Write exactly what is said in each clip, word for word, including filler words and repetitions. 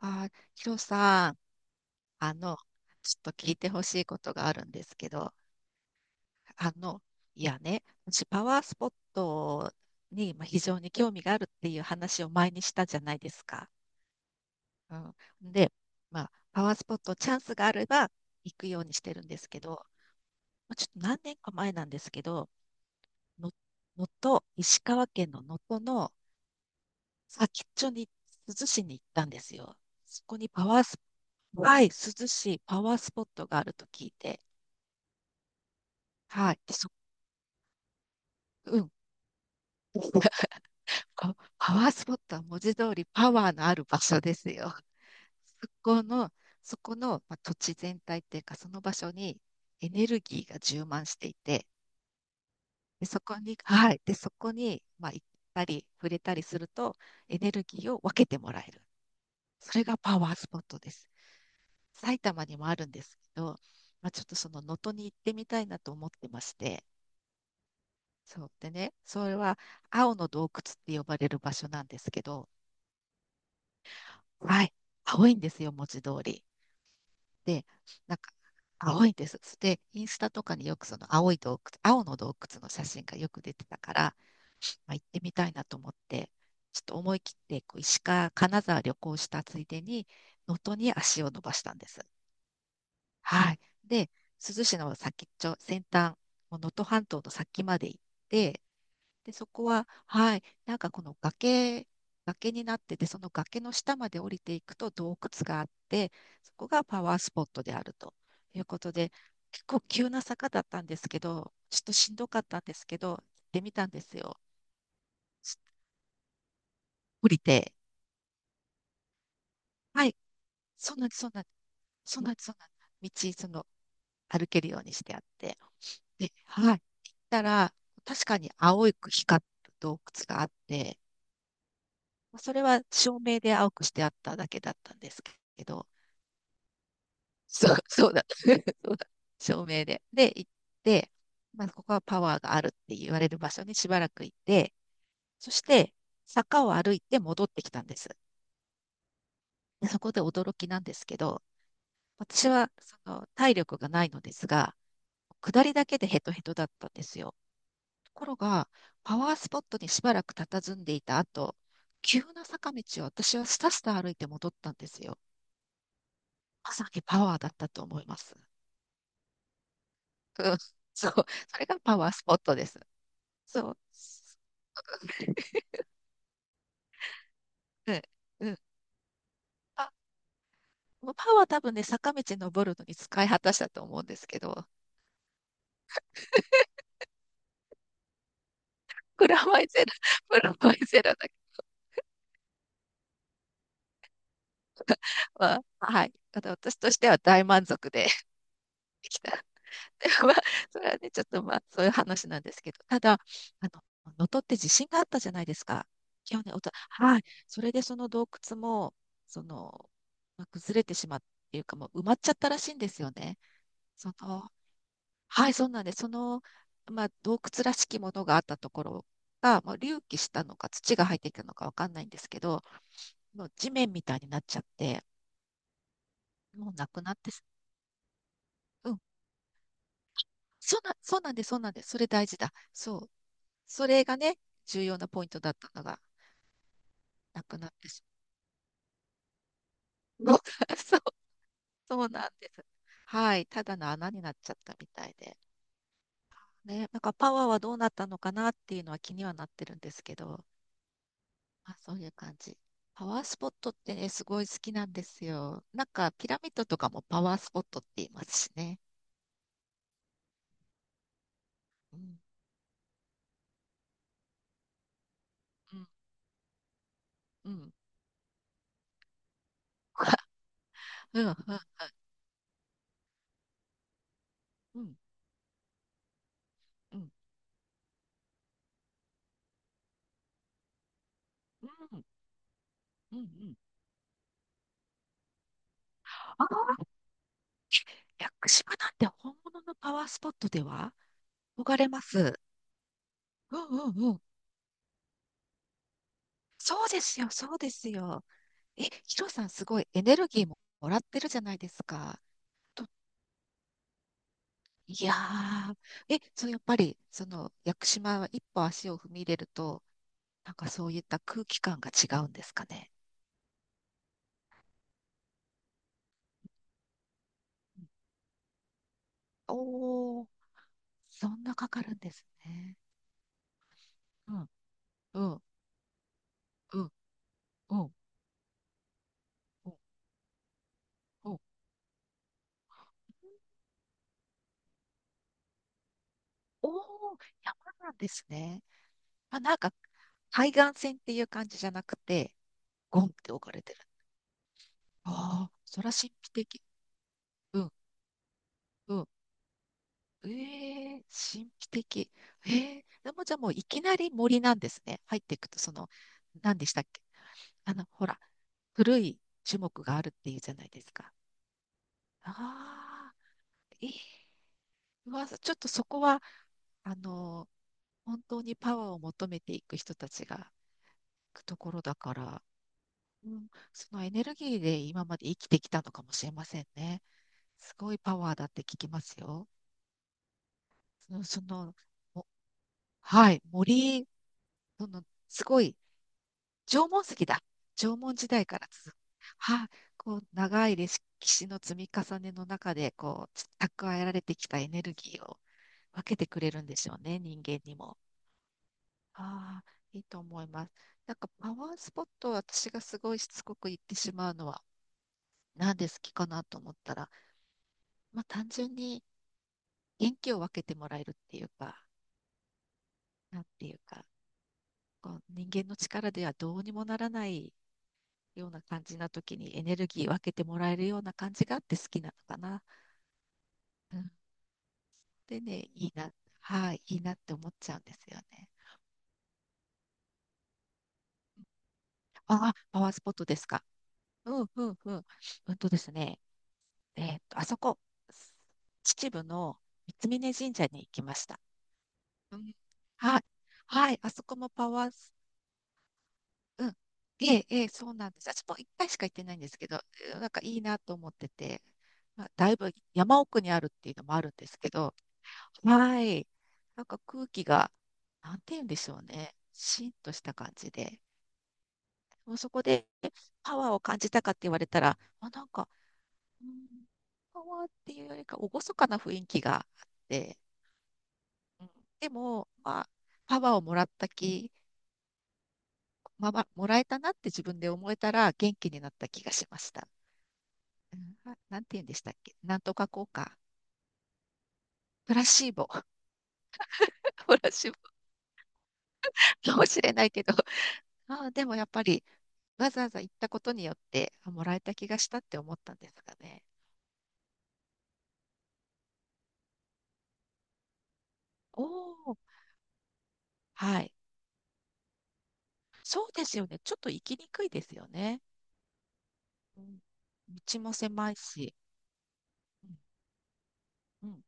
あー、ヒロさん、あの、ちょっと聞いてほしいことがあるんですけど、あの、いやね、私パワースポットにまあ非常に興味があるっていう話を前にしたじゃないですか。うん、で、まあ、パワースポットチャンスがあれば行くようにしてるんですけど、まあちょっと何年か前なんですけど、の能登、石川県の能登の先っちょに、珠洲市に行ったんですよ。そこにパワース、はい、珠洲市パワースポットがあると聞いて、はい。でそ、うん。パパワースポットは文字通りパワーのある場所ですよ。そこの、そこの、まあ、土地全体っていうか、その場所にエネルギーが充満していて、で、そこに、はい。で、そこに、まあ、行ったり、触れたりすると、エネルギーを分けてもらえる。それがパワースポットです。埼玉にもあるんですけど、まあ、ちょっとその能登に行ってみたいなと思ってまして、そう。でね、それは青の洞窟って呼ばれる場所なんですけど、はい。青いんですよ、文字通り。で、なんか、青いんです。で、インスタとかによくその青い洞窟、青の洞窟の写真がよく出てたから、まあ、行ってみたいなと思って、ちょっと思い切ってこう石川、金沢旅行したついでに、能登に足を伸ばしたんです。はい。で、珠洲市の先っちょ、先端、もう能登半島の先まで行って、で、そこは、はい、なんかこの崖、崖になってて、その崖の下まで降りていくと洞窟があって、そこがパワースポットであるということで、結構急な坂だったんですけど、ちょっとしんどかったんですけど、行ってみたんですよ。降りて、はい、そんなんです、そんなんです、そんなんです、そんなんです、道、その、歩けるようにしてあって、で、はい、行ったら、確かに青く光る洞窟があって、それは照明で青くしてあっただけだったんですけど、そう、そうだ。そうだ照明で。で、行って、まあ、ここはパワーがあるって言われる場所にしばらく行って、そして坂を歩いて戻ってきたんです。でそこで驚きなんですけど、私はその体力がないのですが、下りだけでヘトヘトだったんですよ。ところが、パワースポットにしばらく佇んでいた後、急な坂道を私はスタスタ歩いて戻ったんですよ。まさにパワーだったと思います。うん、そう。それがパワースポットです。そう。うん。うん。あ、もうパワー多分ね、坂道登るのに使い果たしたと思うんですけど、プラマイゼロ、プラマイゼロだけは、まあはい。あの私としては大満足で できた。まあ、それはね、ちょっとまあ、そういう話なんですけど、ただ、あの、能登って地震があったじゃないですか。去年、おと、はい。それでその洞窟も、その、まあ崩れてしまうっていうか、もう埋まっちゃったらしいんですよね。その、はい、そうなんです。その、まあ、洞窟らしきものがあったところが、まあ、隆起したのか、土が入ってきたのかわかんないんですけど、もう地面みたいになっちゃって、もうなくなってす、うん。そうな、そうなんです、そうなんです。それ大事だ。そう。それがね、重要なポイントだったのが、なくなってしまう。そう、そうなんです。はい。ただの穴になっちゃったみたいで。ね、なんかパワーはどうなったのかなっていうのは気にはなってるんですけど、まあ、そういう感じ。パワースポットってね、すごい好きなんですよ。なんかピラミッドとかもパワースポットって言いますしね。うん、うん、うん。うん、うん、うん、うん、うん、うん。うんああ、屋久島なんて本物のパワースポットでは憧れます。うんうんうん。そうですよ、そうですよ。え、ヒロさん、すごいエネルギーももらってるじゃないですか。と、いやー、え、そう、やっぱり、その、屋久島は一歩足を踏み入れると、なんかそういった空気感が違うんですかね。うんおー、そんなかかるんですね。うん、うん、うん、うん、うん、うん。おー、山なんですね。まあ、なんか、海岸線っていう感じじゃなくて、ゴンって置かれてる。ああ、そら神秘的。うん、うん。ええ神秘的。ええでもじゃあもういきなり森なんですね。入っていくと、その、何でしたっけあの、ほら、古い樹木があるっていうじゃないですか。ああ、ええうわ、ちょっとそこは、あの、本当にパワーを求めていく人たちが行くところだから、うん、そのエネルギーで今まで生きてきたのかもしれませんね。すごいパワーだって聞きますよ。その、その、もはい、森そのすごい縄文石だ。縄文時代から続く。はあ、こう長い歴史の積み重ねの中でこう蓄えられてきたエネルギーを分けてくれるんでしょうね、人間にも。ああ、いいと思います。なんかパワースポットを私がすごいしつこく言ってしまうのは、なんで好きかなと思ったら、まあ、単純に元気を分けてもらえるっていうか、なんていうか、こう人間の力ではどうにもならないような感じな時にエネルギー分けてもらえるような感じがあって好きなのかな。うん、でね、いいな、はい、いいなって思っちゃうんですよね。ああ、パワースポットですか。うんうんうん。うんとですね、えーっと、あそこ、秩父の三峯神社に行きました。うん、はい、はい、あそこもパワース、うん、ええ、ええ、そうなんです。私も一回しか行ってないんですけど、うんなんかいいなと思ってて、まあ、だいぶ山奥にあるっていうのもあるんですけど、はい。なんか空気が、なんて言うんでしょうね。シンとした感じで。もうそこでパワーを感じたかって言われたら、あ、なんか、うん、パワーっていうよりか、厳かな雰囲気があって、うん、でも、まあ、パワーをもらった気、まあまあ、もらえたなって自分で思えたら元気になった気がしました。うん、あなんて言うんでしたっけなんとか効果。プラシーボ。プラシーボかもしれないけど、あ、でもやっぱり、わざわざ行ったことによって、あ、もらえた気がしたって思ったんですかね。おお、はい。そうですよね。ちょっと行きにくいですよね。うん、道も狭いし。うん、うん、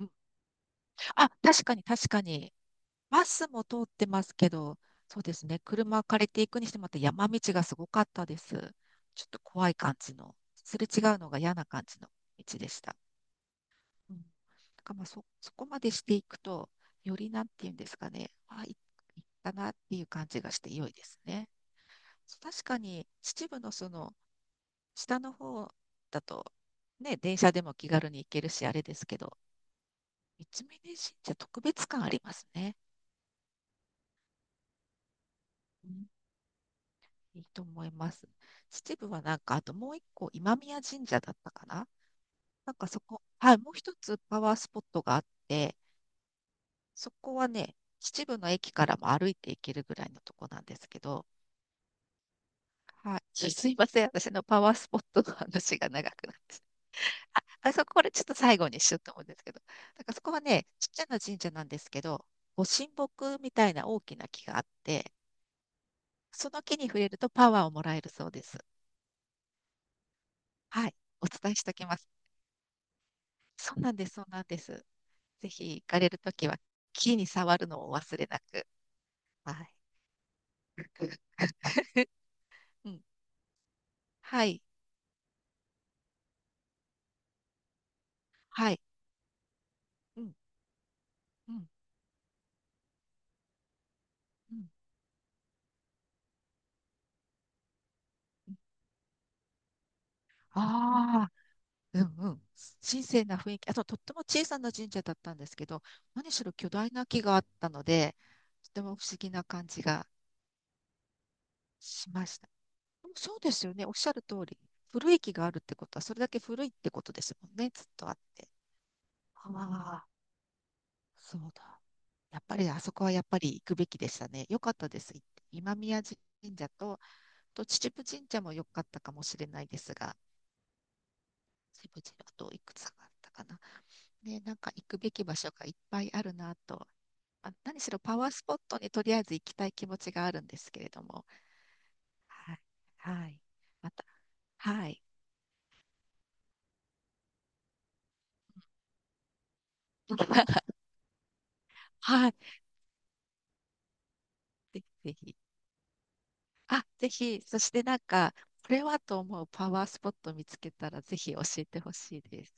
うん。あ、確かに確かに。バスも通ってますけど、そうですね。車を借りていくにしても、また山道がすごかったです。ちょっと怖い感じの、すれ違うのが嫌な感じの道でした。うん、だからまあそ、そこまでしていくと、よりなんていうんですかね、あ、い、いったなっていう感じがして良いですね。確かに秩父のその下の方だと、ね、電車でも気軽に行けるし、あれですけど、三峯神社特別感ありますね。うん、いいと思います。秩父はなんか、あともう一個、今宮神社だったかな。なんかそこ、はい、もう一つパワースポットがあって、そこはね、秩父の駅からも歩いて行けるぐらいのとこなんですけど、はい、すいません、私のパワースポットの話が長くなって。あ、あそこ、これちょっと最後にしようと思うんですけど、なんかそこはね、ちっちゃな神社なんですけど、ご神木みたいな大きな木があって、その木に触れるとパワーをもらえるそうです。はい、お伝えしておきます。そうなんです、そうなんです。ぜひ行かれるときは、木に触るのをお忘れなく。はい。うん、はい、はい、うん、うん、うん。ああ、うんうん。神聖な雰囲気。あと、とっても小さな神社だったんですけど、何しろ巨大な木があったので、とても不思議な感じがしました。そうですよね。おっしゃる通り。古い木があるってことは、それだけ古いってことですもんね。ずっとあって。ああ、そうだ。やっぱり、あそこはやっぱり行くべきでしたね。よかったです。行って今宮神社と、あと秩父神社も良かったかもしれないですが、秩父神社あといくつかあったかな。ね、なんか行くべき場所がいっぱいあるなと。あ、何しろパワースポットにとりあえず行きたい気持ちがあるんですけれども。はい。はい。また。はい。はい。ぜひぜひ。あ、ぜひ。そしてなんか、これはと思うパワースポット見つけたらぜひ教えてほしいです。